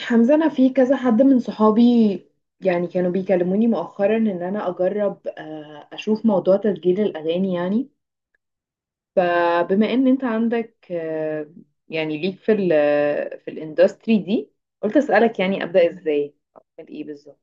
حمزة، أنا في كذا حد من صحابي كانوا بيكلموني مؤخرا إن أنا أجرب أشوف موضوع تسجيل الأغاني يعني. فبما إن أنت عندك يعني ليك في في الإندستري دي، قلت أسألك يعني أبدأ إزاي، أعمل إيه بالظبط.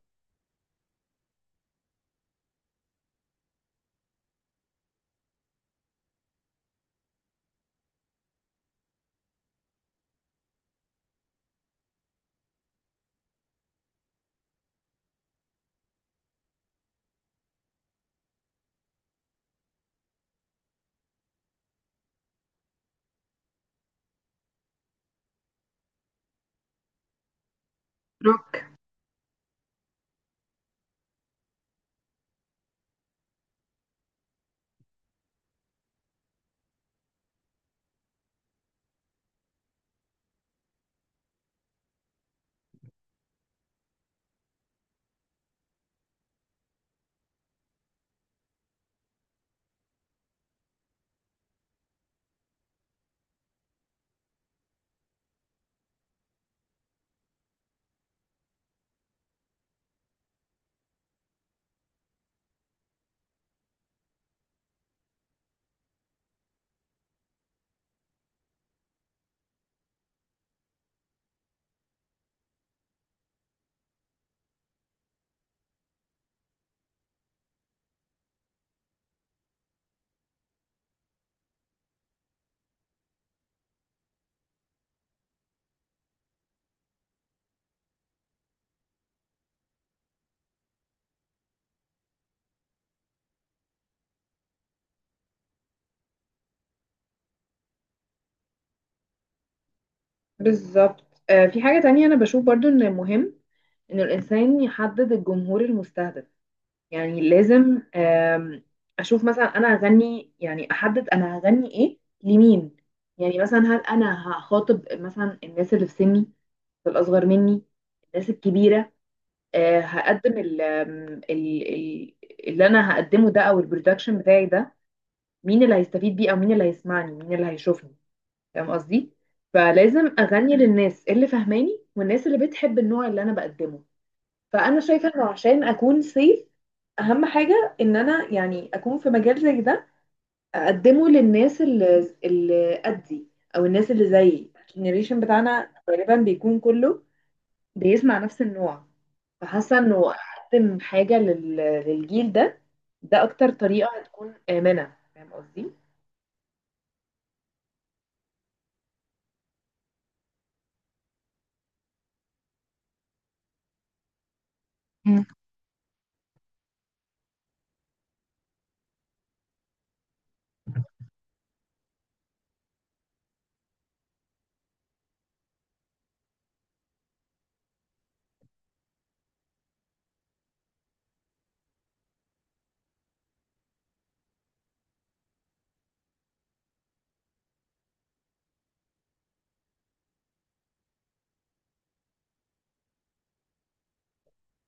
روك. بالظبط. آه، في حاجة تانية أنا بشوف برضو إن مهم إن الإنسان يحدد الجمهور المستهدف. يعني لازم اشوف مثلا انا هغني، يعني احدد انا هغني ايه لمين. يعني مثلا هل انا هخاطب مثلا الناس اللي في سني، الاصغر مني، الناس الكبيره؟ آه، هقدم ال- ال- اللي انا هقدمه ده او البرودكشن بتاعي ده، مين اللي هيستفيد بيه او مين اللي هيسمعني، مين اللي هيشوفني؟ فاهم قصدي؟ فلازم اغني للناس اللي فهماني والناس اللي بتحب النوع اللي انا بقدمه. فانا شايفه انه عشان اكون سيف، اهم حاجه ان انا يعني اكون في مجال زي ده، اقدمه للناس اللي قدي، او الناس اللي زيي. الجنريشن بتاعنا غالبا بيكون كله بيسمع نفس النوع، فحاسه انه اقدم حاجه للجيل ده. ده اكتر طريقه هتكون امنه، فاهم قصدي؟ مم.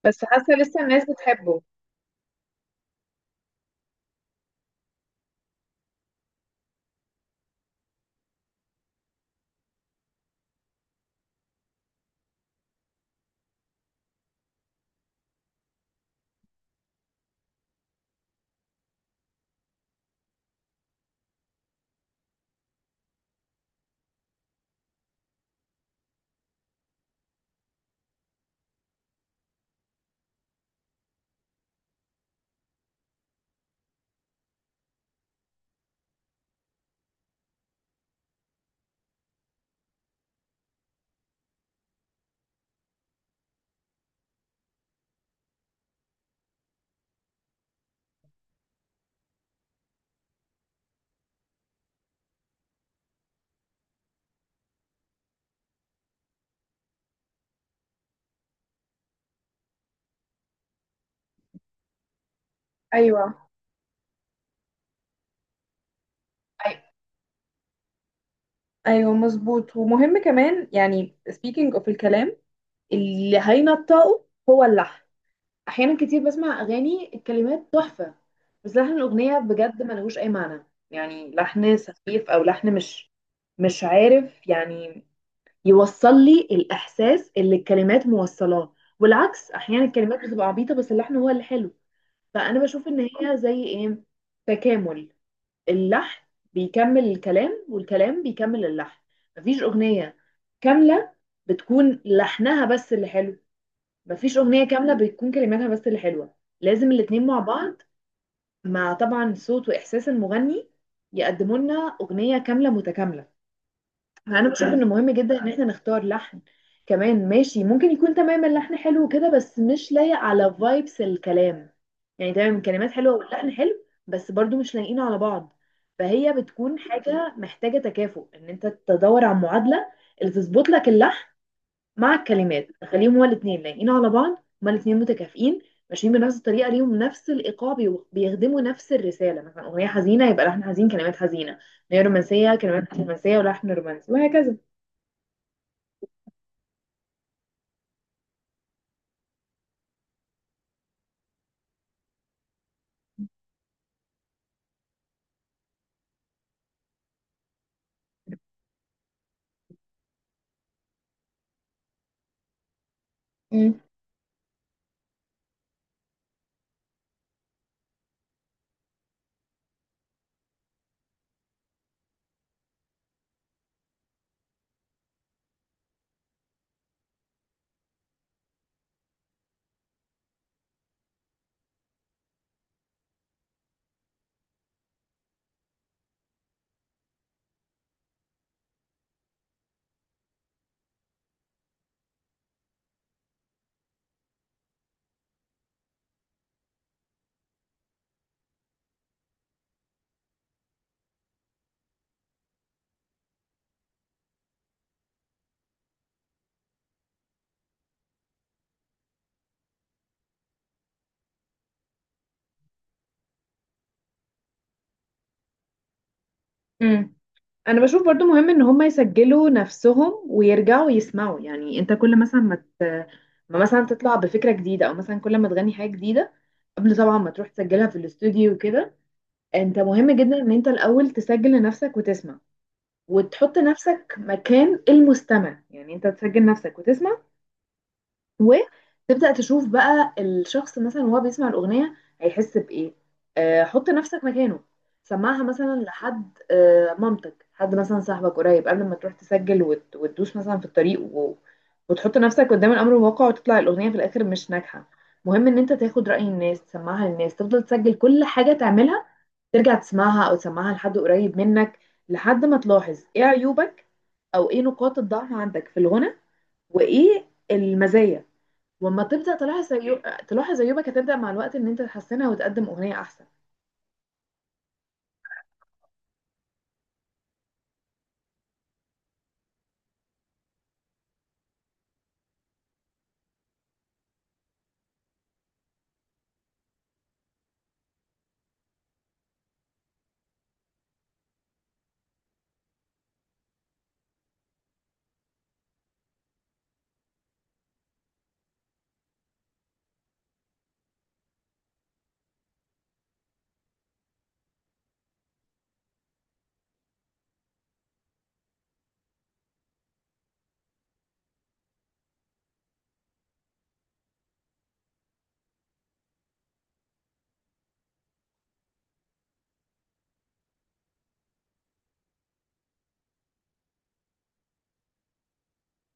بس حاسه لسه الناس بتحبه. ايوه. أي- ايوه، مظبوط. ومهم كمان يعني speaking of الكلام اللي هينطقه، هو اللحن. احيانا كتير بسمع اغاني الكلمات تحفه، بس لحن الاغنيه بجد ملهوش اي معنى، يعني لحن سخيف او لحن مش عارف يعني يوصل لي الاحساس اللي الكلمات موصلاه. والعكس، احيانا الكلمات بتبقى عبيطه بس اللحن هو اللي حلو. فانا بشوف ان هي زي ايه، تكامل. اللحن بيكمل الكلام والكلام بيكمل اللحن. مفيش اغنيه كامله بتكون لحنها بس اللي حلو، مفيش اغنيه كامله بتكون كلماتها بس اللي حلوه. لازم الاتنين مع بعض، مع طبعا صوت واحساس المغني، يقدموا لنا اغنيه كامله متكامله. انا بشوف ان مهم جدا ان احنا نختار لحن كمان ماشي. ممكن يكون تمام اللحن حلو وكده بس مش لايق على فايبس الكلام. يعني تمام الكلمات حلوه واللحن حلو بس برضو مش لايقين على بعض. فهي بتكون حاجه محتاجه تكافؤ، ان انت تدور على معادله اللي تظبط لك اللحن مع الكلمات، خليهم هما الاثنين لايقين على بعض، هما الاثنين متكافئين ماشيين بنفس الطريقه، ليهم نفس الايقاع، بيخدموا نفس الرساله. مثلا اغنيه حزينه يبقى لحن حزين كلمات حزينه، اغنيه رومانسيه كلمات رومانسيه ولحن رومانسي، وهكذا. مم. مم. انا بشوف برضو مهم ان هم يسجلوا نفسهم ويرجعوا يسمعوا. يعني انت كل مثلا ما مثلا تطلع بفكره جديده، او مثلا كل ما تغني حاجه جديده، قبل طبعا ما تروح تسجلها في الاستوديو وكده، انت مهم جدا ان انت الاول تسجل لنفسك وتسمع، وتحط نفسك مكان المستمع. يعني انت تسجل نفسك وتسمع، وتبدأ تشوف بقى الشخص مثلا وهو بيسمع الأغنية هيحس بإيه. آه، حط نفسك مكانه. سمعها مثلا لحد، آه، مامتك، حد مثلا صاحبك قريب، قبل ما تروح تسجل وتدوس مثلا في الطريق وتحط نفسك قدام الأمر الواقع وتطلع الأغنية في الآخر مش ناجحة. مهم ان انت تاخد رأي الناس، تسمعها للناس، تفضل تسجل كل حاجة تعملها، ترجع تسمعها او تسمعها لحد قريب منك، لحد ما تلاحظ ايه عيوبك او ايه نقاط الضعف عندك في الغنى، وايه المزايا. واما تبدا تلاحظ تلاحظ عيوبك، هتبدا مع الوقت ان انت تحسنها وتقدم اغنيه احسن.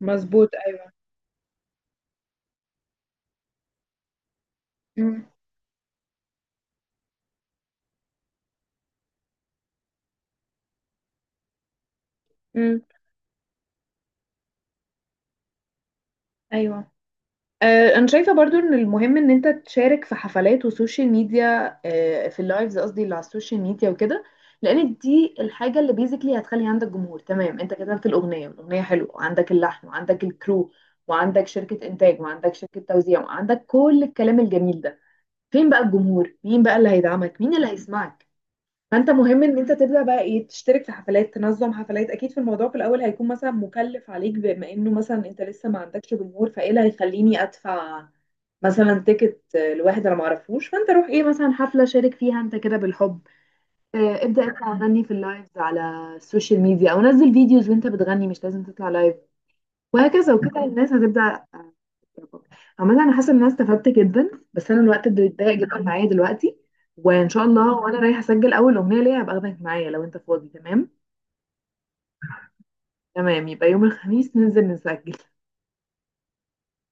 مظبوط. ايوه. امم. ايوه، آه، انا شايفه برضو ان المهم ان انت تشارك في حفلات وسوشيال ميديا. آه، في اللايفز، قصدي اللي على السوشيال ميديا وكده، لان دي الحاجه اللي بيزيكلي هتخلي عندك جمهور. تمام، انت كتبت الاغنيه والاغنيه حلوه وعندك اللحن وعندك الكرو وعندك شركه انتاج وعندك شركه توزيع وعندك كل الكلام الجميل ده، فين بقى الجمهور، مين بقى اللي هيدعمك، مين اللي هيسمعك؟ فانت مهم ان انت تبدا بقى ايه، تشترك في حفلات، تنظم حفلات. اكيد في الموضوع في الاول هيكون مثلا مكلف عليك، بما انه مثلا انت لسه ما عندكش جمهور، فايه اللي هيخليني ادفع مثلا تيكت لواحد انا معرفوش؟ فانت روح ايه مثلا حفله شارك فيها انت كده بالحب. آه، ابدا انت غني في اللايفز على السوشيال ميديا، او نزل فيديوز وانت بتغني، مش لازم تطلع لايف، وهكذا. وكده الناس هتبدا آه، تعجبك. عموما انا حاسه ان انا استفدت جدا، بس انا الوقت بيتضايق جدا معايا دلوقتي. وان شاء الله وانا رايحه اسجل اول اغنيه ليا هبقى اخدك معايا لو انت فاضي، تمام؟ تمام، يبقى يوم الخميس ننزل نسجل.